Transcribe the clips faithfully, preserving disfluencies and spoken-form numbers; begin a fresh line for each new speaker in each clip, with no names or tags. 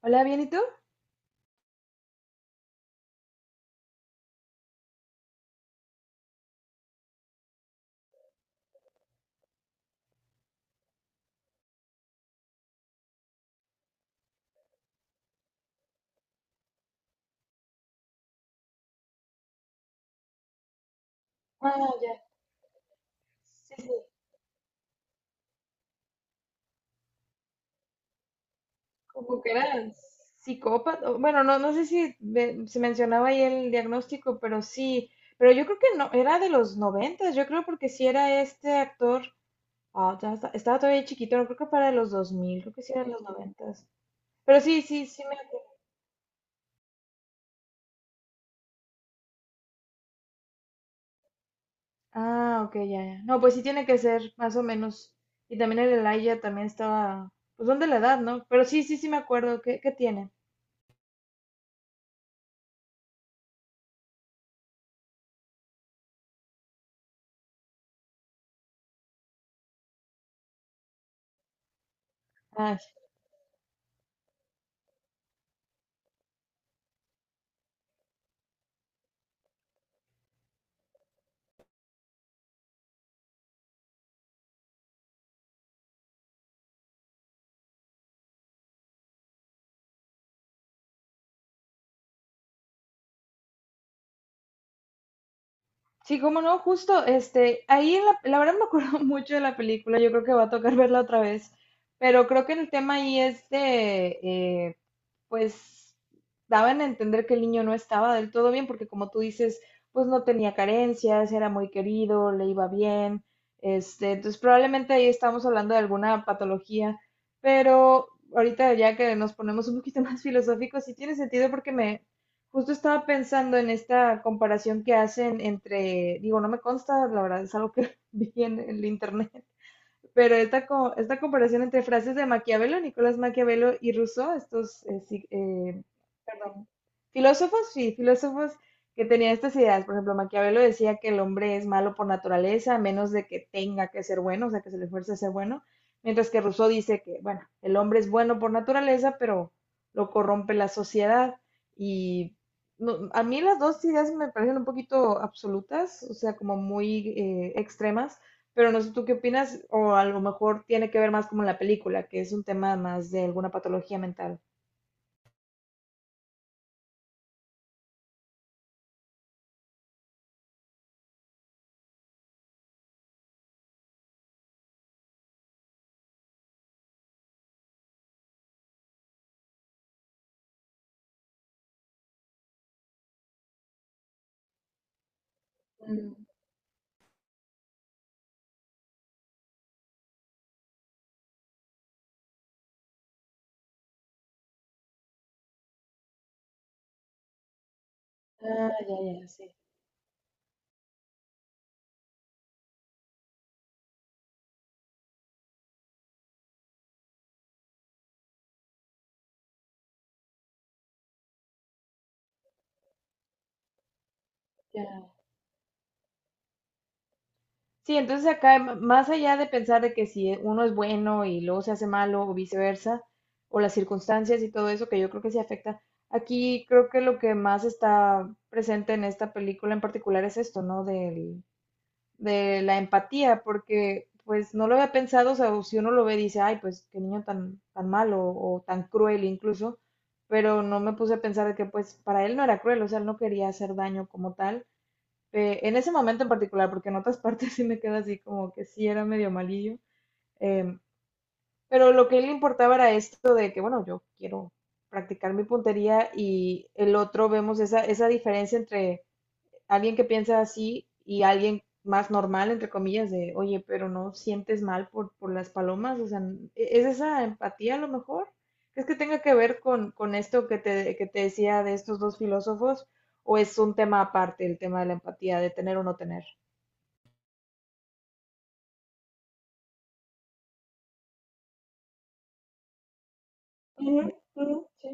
Hola, ¿bien y tú? Ah, ya. Sí, sí, como que era psicópata. o- Bueno, no, no sé si ve- se mencionaba ahí el diagnóstico, pero sí. Pero yo creo que no, era de los noventas, yo creo, porque si era este actor. Ah, ya está- estaba todavía chiquito, no creo que para los dos mil creo que sí era de los noventas. Pero sí, sí, sí me. Ah, ok, ya, ya. No, pues sí tiene que ser, más o menos. Y también el Elijah también estaba. Pues son de la edad, ¿no? Pero sí, sí, sí me acuerdo. ¿Qué, qué tiene? Sí, cómo no, justo, este, ahí en la, la verdad me acuerdo mucho de la película, yo creo que va a tocar verla otra vez, pero creo que el tema ahí es de, eh, pues daban a entender que el niño no estaba del todo bien, porque como tú dices, pues no tenía carencias, era muy querido, le iba bien, este, entonces probablemente ahí estamos hablando de alguna patología, pero ahorita ya que nos ponemos un poquito más filosóficos, sí tiene sentido porque me justo estaba pensando en esta comparación que hacen entre, digo, no me consta, la verdad es algo que vi en el internet, pero esta, co- esta comparación entre frases de Maquiavelo, Nicolás Maquiavelo y Rousseau, estos eh, sí, eh, perdón, filósofos, sí, filósofos que tenían estas ideas. Por ejemplo, Maquiavelo decía que el hombre es malo por naturaleza, a menos de que tenga que ser bueno, o sea, que se le fuerce a ser bueno. Mientras que Rousseau dice que, bueno, el hombre es bueno por naturaleza, pero lo corrompe la sociedad. Y no- a mí las dos ideas me parecen un poquito absolutas, o sea, como muy eh, extremas. Pero no sé tú qué opinas, o a lo mejor tiene que ver más como en la película, que es un tema más de alguna patología mental. Mm. Ah, ya, ya, sí, ya. Sí, entonces acá, m- más allá de pensar de que si uno es bueno y luego se hace malo o viceversa, o las circunstancias y todo eso, que yo creo que sí afecta, aquí creo que lo que más está presente en esta película en particular es esto, ¿no? Del, de la empatía, porque pues no lo había pensado, o sea, o si uno lo ve dice, ay, pues qué niño tan, tan malo o tan cruel incluso, pero no me puse a pensar de que pues para él no era cruel, o sea, él no quería hacer daño como tal. Eh, en ese momento en particular, porque en otras partes sí me queda así como que sí era medio malillo, eh, pero lo que a él le importaba era esto de que, bueno, yo quiero practicar mi puntería y el otro vemos esa, esa diferencia entre alguien que piensa así y alguien más normal, entre comillas, de, oye, pero no sientes mal por, por las palomas, o sea, ¿es esa empatía a lo mejor? ¿Es que tenga que ver con, con esto que te, que te decía de estos dos filósofos? ¿O es un tema aparte el tema de la empatía, de tener o no tener? Ujú, ujú, sí.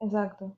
Exacto.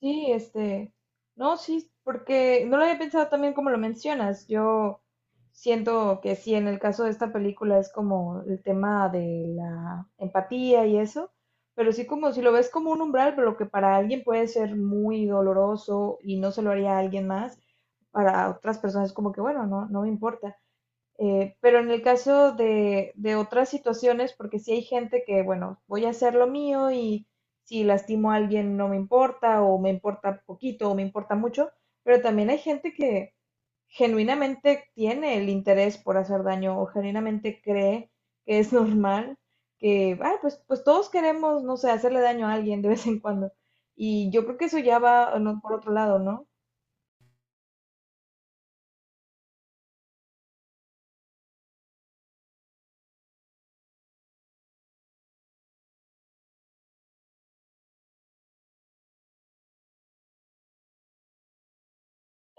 Sí, este, no, sí, porque no lo había pensado también como lo mencionas. Yo siento que sí, en el caso de esta película es como el tema de la empatía y eso, pero sí como si lo ves como un umbral, pero lo que para alguien puede ser muy doloroso y no se lo haría a alguien más, para otras personas es como que, bueno, no, no me importa. Eh, pero en el caso de, de otras situaciones, porque si hay gente que, bueno, voy a hacer lo mío y si lastimo a alguien no me importa o me importa poquito o me importa mucho, pero también hay gente que genuinamente tiene el interés por hacer daño o genuinamente cree que es normal, que, ah, pues, pues todos queremos, no sé, hacerle daño a alguien de vez en cuando. Y yo creo que eso ya va, no, por otro lado, ¿no?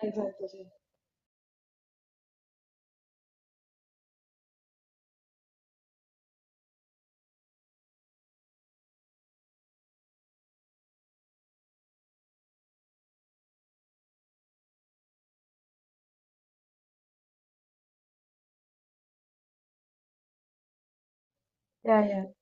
Exacto, sí. Ya, ya.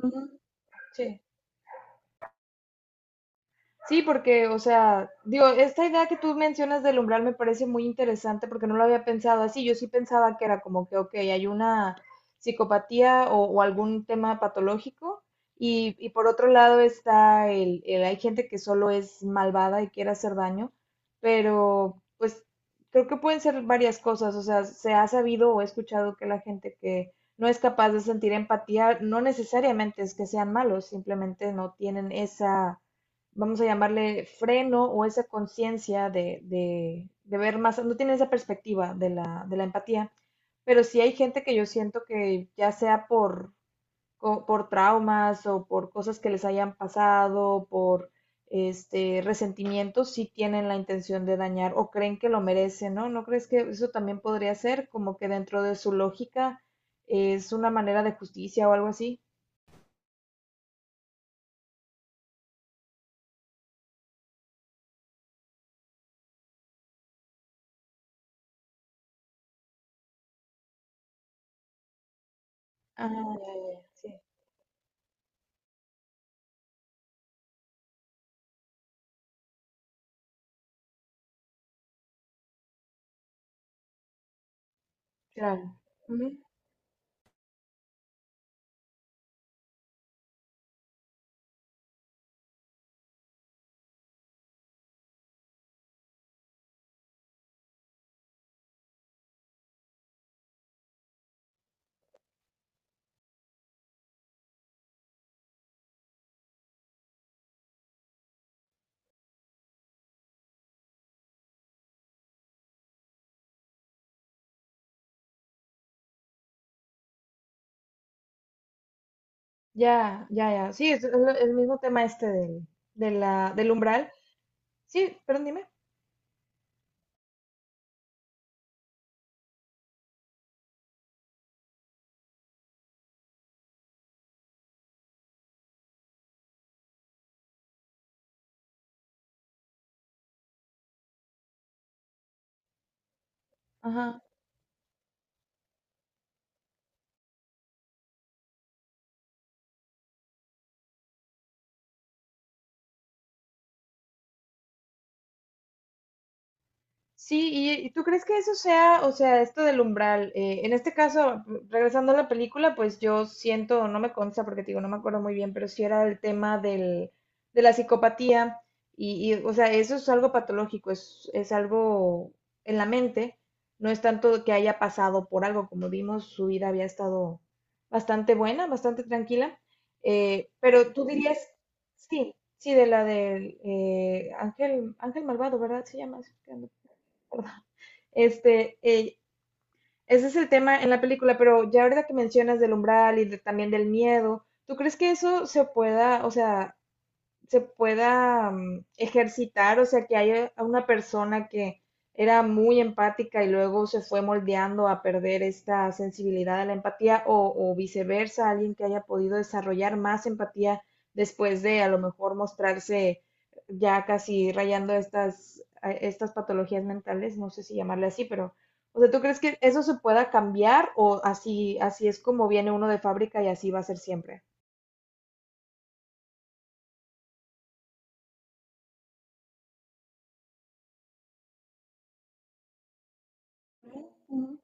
Ujú. Sí. Sí, porque, o sea, digo, esta idea que tú mencionas del umbral me parece muy interesante porque no lo había pensado así. Yo sí pensaba que era como que, ok, hay una psicopatía o, o algún tema patológico. Y, y por otro lado está el, el, hay gente que solo es malvada y quiere hacer daño, pero pues creo que pueden ser varias cosas. O sea, se ha sabido o he escuchado que la gente que no es capaz de sentir empatía no necesariamente es que sean malos, simplemente no tienen esa vamos a llamarle freno o esa conciencia de, de- de ver más, no tienen esa perspectiva de la, de la empatía, pero sí hay gente que yo siento que ya sea por, co- por traumas o por cosas que les hayan pasado, por este resentimientos, sí tienen la intención de dañar o creen que lo merecen, ¿no? ¿No crees que eso también podría ser como que dentro de su lógica es una manera de justicia o algo así? Ah, ya, ya, ya, sí, claro. Ya, ya, ya. Sí, es el, el mismo tema este del, de la, del umbral. Sí, pero dime. Ajá. Sí, y, y tú crees que eso sea, o sea, esto del umbral, eh, en este caso, r- regresando a la película, pues yo siento, no me consta porque te digo, no me acuerdo muy bien, pero sí era el tema del, de la psicopatía, y, y, o sea, eso es algo patológico, es, es algo en la mente, no es tanto que haya pasado por algo, como vimos, su vida había estado bastante buena, bastante tranquila, eh, pero tú dirías, sí, sí, de la del eh, Ángel, Ángel Malvado, ¿verdad? Se llama, sí, perdón, este, eh, ese es el tema en la película, pero ya ahorita que mencionas del umbral y de- también del miedo, ¿tú crees que eso se pueda, o sea, se pueda mm, ejercitar, o sea, que haya una persona que era muy empática y luego se fue moldeando a perder esta sensibilidad a la empatía o, o viceversa, alguien que haya podido desarrollar más empatía después de a lo mejor mostrarse ya casi rayando estas, a estas patologías mentales, no sé si llamarle así, pero, o sea, ¿tú crees que eso se pueda cambiar o así, así es como viene uno de fábrica y así va a ser siempre? Ujú,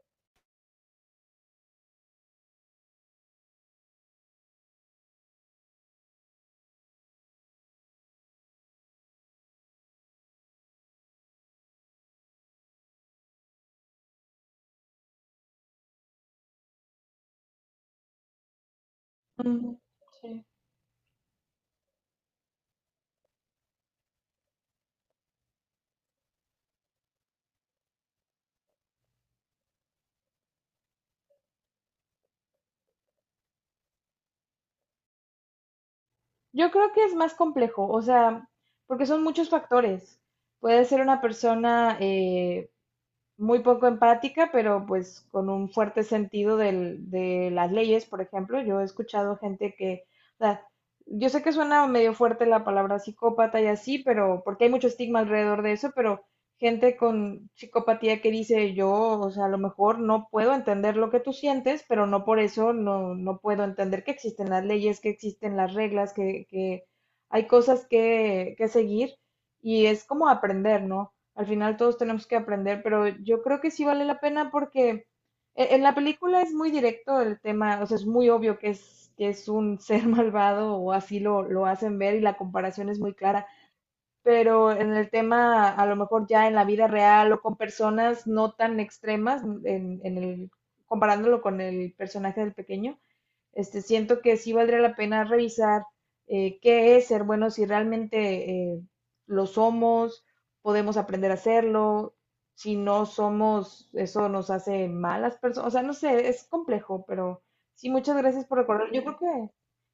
ujú, ujú, sí. Yo creo que es más complejo, o sea, porque son muchos factores. Puede ser una persona, eh, muy poco empática, pero pues con un fuerte sentido del- de las leyes, por ejemplo. Yo he escuchado gente que, o sea, yo sé que suena medio fuerte la palabra psicópata y así, pero porque hay mucho estigma alrededor de eso, pero gente con psicopatía que dice yo, o sea, a lo mejor no puedo entender lo que tú sientes, pero no por eso no, no puedo entender que existen las leyes, que existen las reglas, que, que hay cosas que, que seguir y es como aprender, ¿no? Al final todos tenemos que aprender, pero yo creo que sí vale la pena porque e- en la película es muy directo el tema, o sea, es muy obvio que es, que es un ser malvado o así lo, lo hacen ver y la comparación es muy clara, pero en el tema, a lo mejor ya en la vida real o con personas no tan extremas, en, en el, comparándolo con el personaje del pequeño, este, siento que sí valdría la pena revisar eh, qué es ser bueno, si realmente eh, lo somos, podemos aprender a hacerlo, si no somos, eso nos hace malas personas, o sea, no sé, es complejo, pero sí, muchas gracias por recordar. Yo creo que,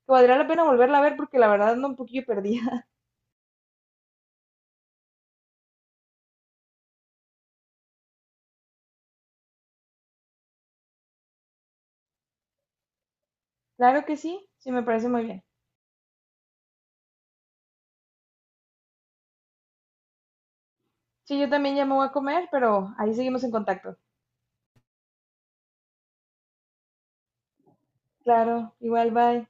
que valdría la pena volverla a ver porque la verdad ando un poquillo perdida. Claro que sí, sí, me parece muy bien. Sí, yo también ya me voy a comer, pero ahí seguimos en contacto. Claro, igual, bye.